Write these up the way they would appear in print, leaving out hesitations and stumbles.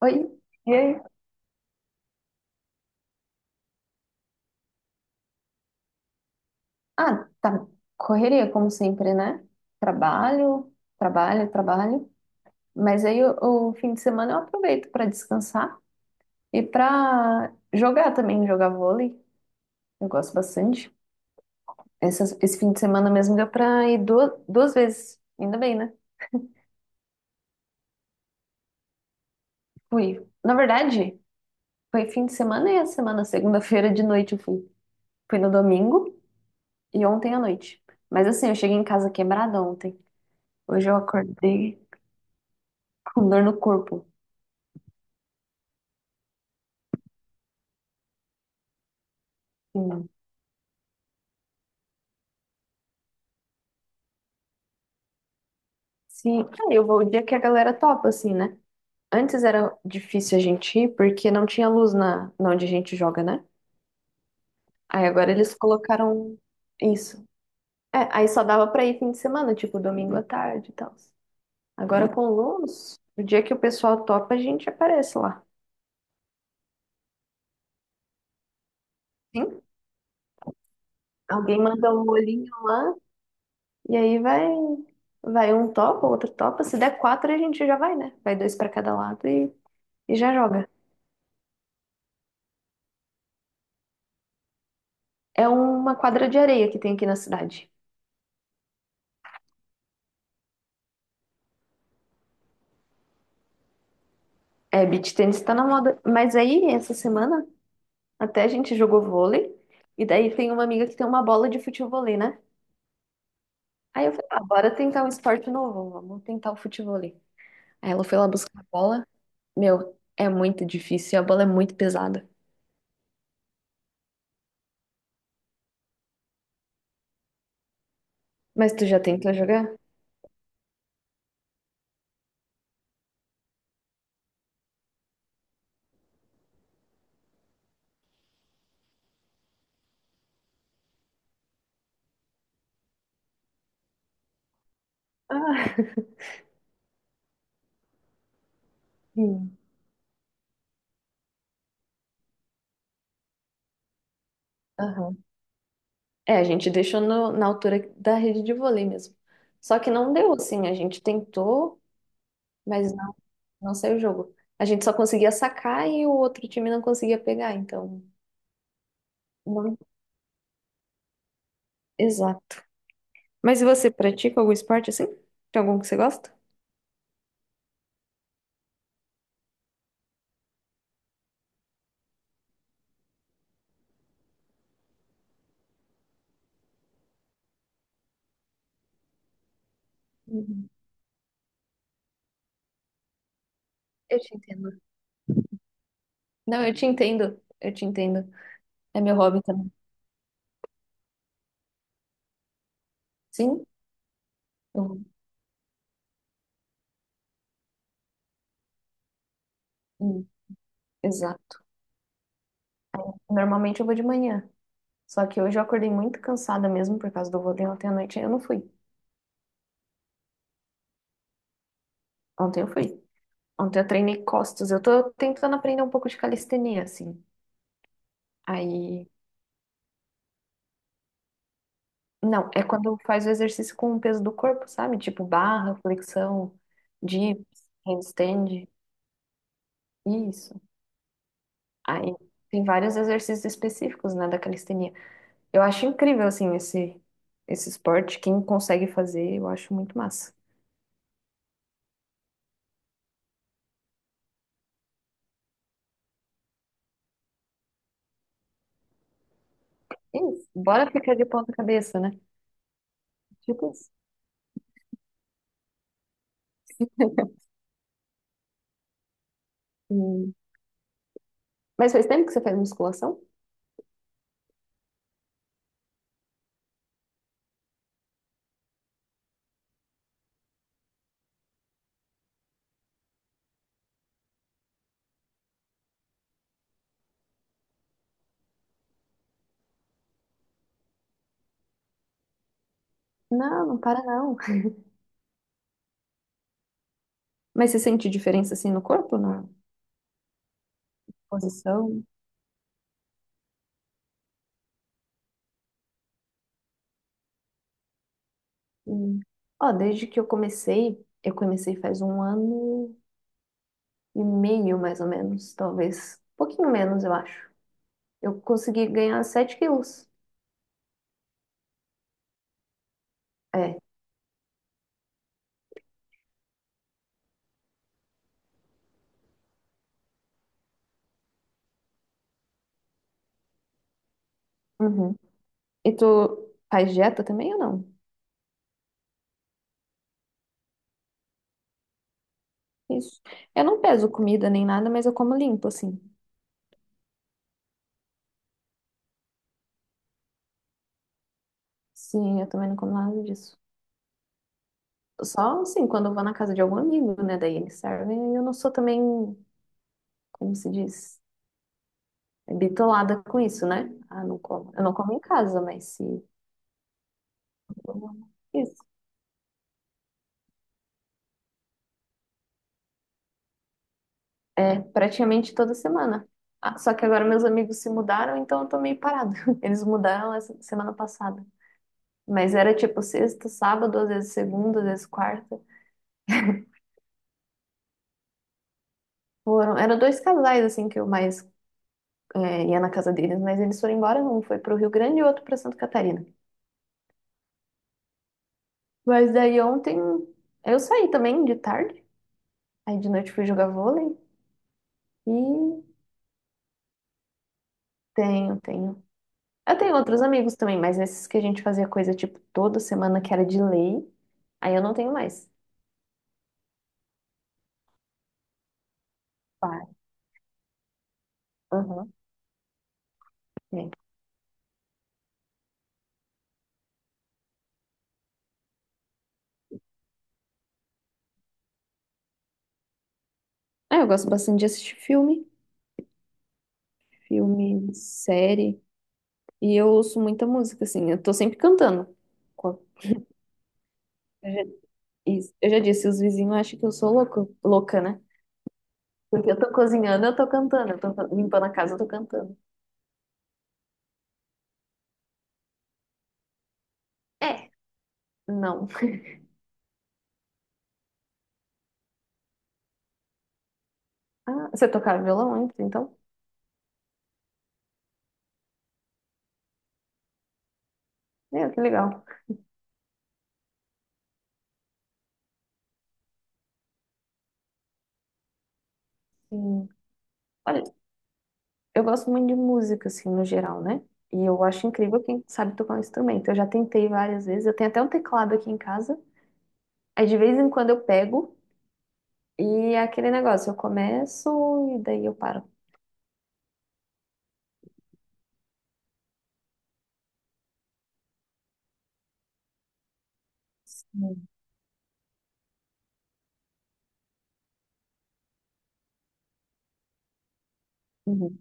Oi. E aí? Tá. Correria, como sempre, né? Trabalho, trabalho, trabalho. Mas o fim de semana eu aproveito para descansar e para jogar também, jogar vôlei. Eu gosto bastante. Esse fim de semana mesmo deu para ir duas vezes. Ainda bem, né? Fui. Na verdade, foi fim de semana e a semana, segunda-feira de noite eu fui. Fui no domingo e ontem à noite. Mas assim, eu cheguei em casa quebrada ontem. Hoje eu acordei com dor no corpo. Sim, eu vou o dia que a galera topa, assim, né? Antes era difícil a gente ir porque não tinha luz na onde a gente joga, né? Aí agora eles colocaram isso. É, aí só dava pra ir fim de semana, tipo domingo à tarde e tal. Agora com luz, o dia que o pessoal topa, a gente aparece lá. Sim? Alguém manda um olhinho lá e vai um topa, outro topa. Se der quatro, a gente já vai, né? Vai dois pra cada lado e já joga. É uma quadra de areia que tem aqui na cidade. É, beach tennis tá na moda. Mas aí, essa semana, até a gente jogou vôlei. E daí tem uma amiga que tem uma bola de futevôlei, né? Aí eu falei, ah, bora tentar um esporte novo, vamos tentar o futevôlei. Aí ela foi lá buscar a bola. Meu, é muito difícil, a bola é muito pesada. Mas tu já tentou jogar? Ah, sim. Aham. É, a gente deixou na altura da rede de vôlei mesmo. Só que não deu, assim, a gente tentou, mas não saiu o jogo. A gente só conseguia sacar e o outro time não conseguia pegar, então. Não, exato. Mas e você pratica algum esporte assim? Tem algum que você gosta? Uhum. Eu te entendo. Não, eu te entendo. Eu te entendo. É meu hobby também. Sim? Eu- hum, Exato. Normalmente eu vou de manhã. Só que hoje eu acordei muito cansada mesmo por causa do vôlei. Ontem à noite eu não fui. Ontem eu fui. Ontem eu treinei costas. Eu tô tentando aprender um pouco de calistenia, assim. Aí não, é quando faz o exercício com o peso do corpo, sabe? Tipo barra, flexão, dips, handstand, isso. Aí tem vários exercícios específicos, né, da calistenia. Eu acho incrível, assim, esse esporte. Quem consegue fazer, eu acho muito massa. É isso, bora ficar de ponta cabeça, né? Tipo isso. Hum. Mas faz tempo que você faz musculação? Não, não para não. Mas você sente diferença, assim, no corpo, na posição? Hum. Ó, desde que eu comecei faz um ano e meio, mais ou menos, talvez. Um pouquinho menos, eu acho. Eu consegui ganhar 7 quilos. É. Uhum. E tu faz dieta também ou não? Isso. Eu não peso comida nem nada, mas eu como limpo, assim. Sim, eu também não como nada disso. Só, assim, quando eu vou na casa de algum amigo, né? Daí eles servem. E eu não sou também, como se diz, bitolada com isso, né? Ah, não como. Eu não como em casa, mas se... Isso. É, praticamente toda semana. Ah, só que agora meus amigos se mudaram, então eu tô meio parada. Eles mudaram essa semana passada. Mas era tipo sexta, sábado, às vezes segunda, às vezes quarta. Foram, eram dois casais, assim, que eu mais é, ia na casa deles, mas eles foram embora. Um foi pro Rio Grande e o outro pra Santa Catarina. Mas daí ontem eu saí também de tarde. Aí de noite fui jogar vôlei. E tenho, tenho. Eu tenho outros amigos também, mas esses que a gente fazia coisa tipo toda semana que era de lei, aí eu não tenho mais. Vai. Aham. É. Ah, eu gosto bastante de assistir filme, filme, série. E eu ouço muita música, assim. Eu tô sempre cantando. Co- Eu já, isso. Eu já disse, os vizinhos acham que eu sou louco, louca, né? Porque eu tô cozinhando, eu tô cantando. Eu tô limpando a casa, eu tô cantando. É, não. Ah, você tocava violão antes, então? É, que legal. Sim. Olha, eu gosto muito de música, assim, no geral, né? E eu acho incrível quem sabe tocar um instrumento. Eu já tentei várias vezes. Eu tenho até um teclado aqui em casa. Aí de vez em quando eu pego e é aquele negócio, eu começo e daí eu paro. Hum, uhum.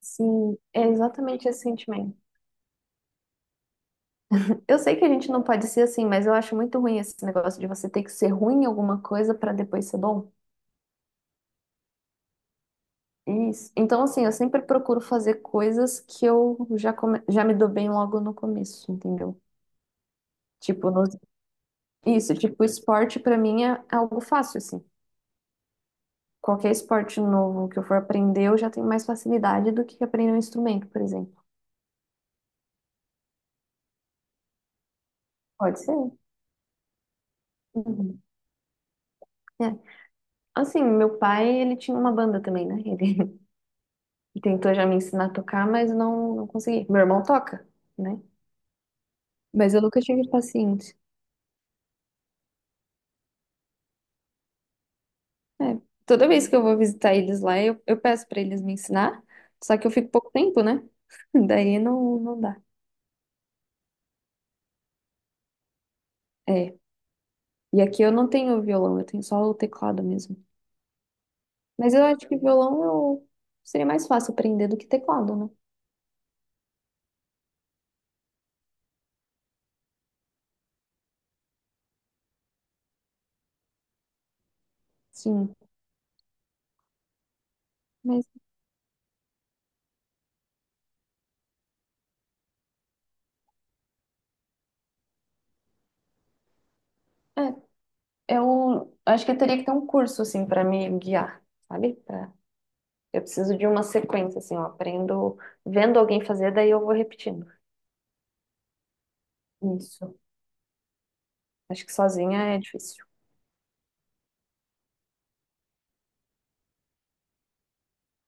Sim, é exatamente esse sentimento. Eu sei que a gente não pode ser assim, mas eu acho muito ruim esse negócio de você ter que ser ruim em alguma coisa para depois ser bom. Isso. Então, assim, eu sempre procuro fazer coisas que já me dou bem logo no começo, entendeu? Tipo, no- isso, tipo, esporte pra mim é algo fácil, assim. Qualquer esporte novo que eu for aprender, eu já tenho mais facilidade do que aprender um instrumento, por exemplo. Pode ser. Uhum. É. Assim, meu pai, ele tinha uma banda também, né? Ele tentou já me ensinar a tocar, mas não consegui. Meu irmão toca, né? Mas eu nunca tive paciência. É. Toda vez que eu vou visitar eles lá, eu peço pra eles me ensinar, só que eu fico pouco tempo, né? Daí não dá. É. E aqui eu não tenho violão, eu tenho só o teclado mesmo. Mas eu acho que violão eu seria mais fácil aprender do que teclado, né? Sim. Mas é. Eu acho que eu teria que ter um curso, assim, para me guiar, sabe? Pra... Eu preciso de uma sequência, assim, eu aprendo vendo alguém fazer, daí eu vou repetindo. Isso. Acho que sozinha é difícil.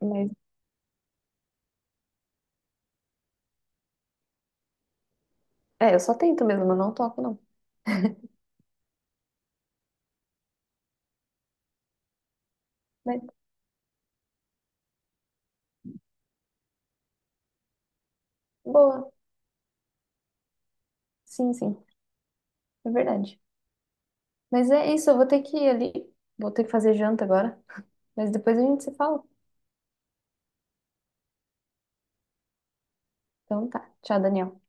Mas, é, eu só tento mesmo, eu não toco, não. Mas, boa. Sim, sim, é verdade. Mas é isso, eu vou ter que ir ali, vou ter que fazer janta agora. Mas depois a gente se fala. Então tá, tchau, Daniel.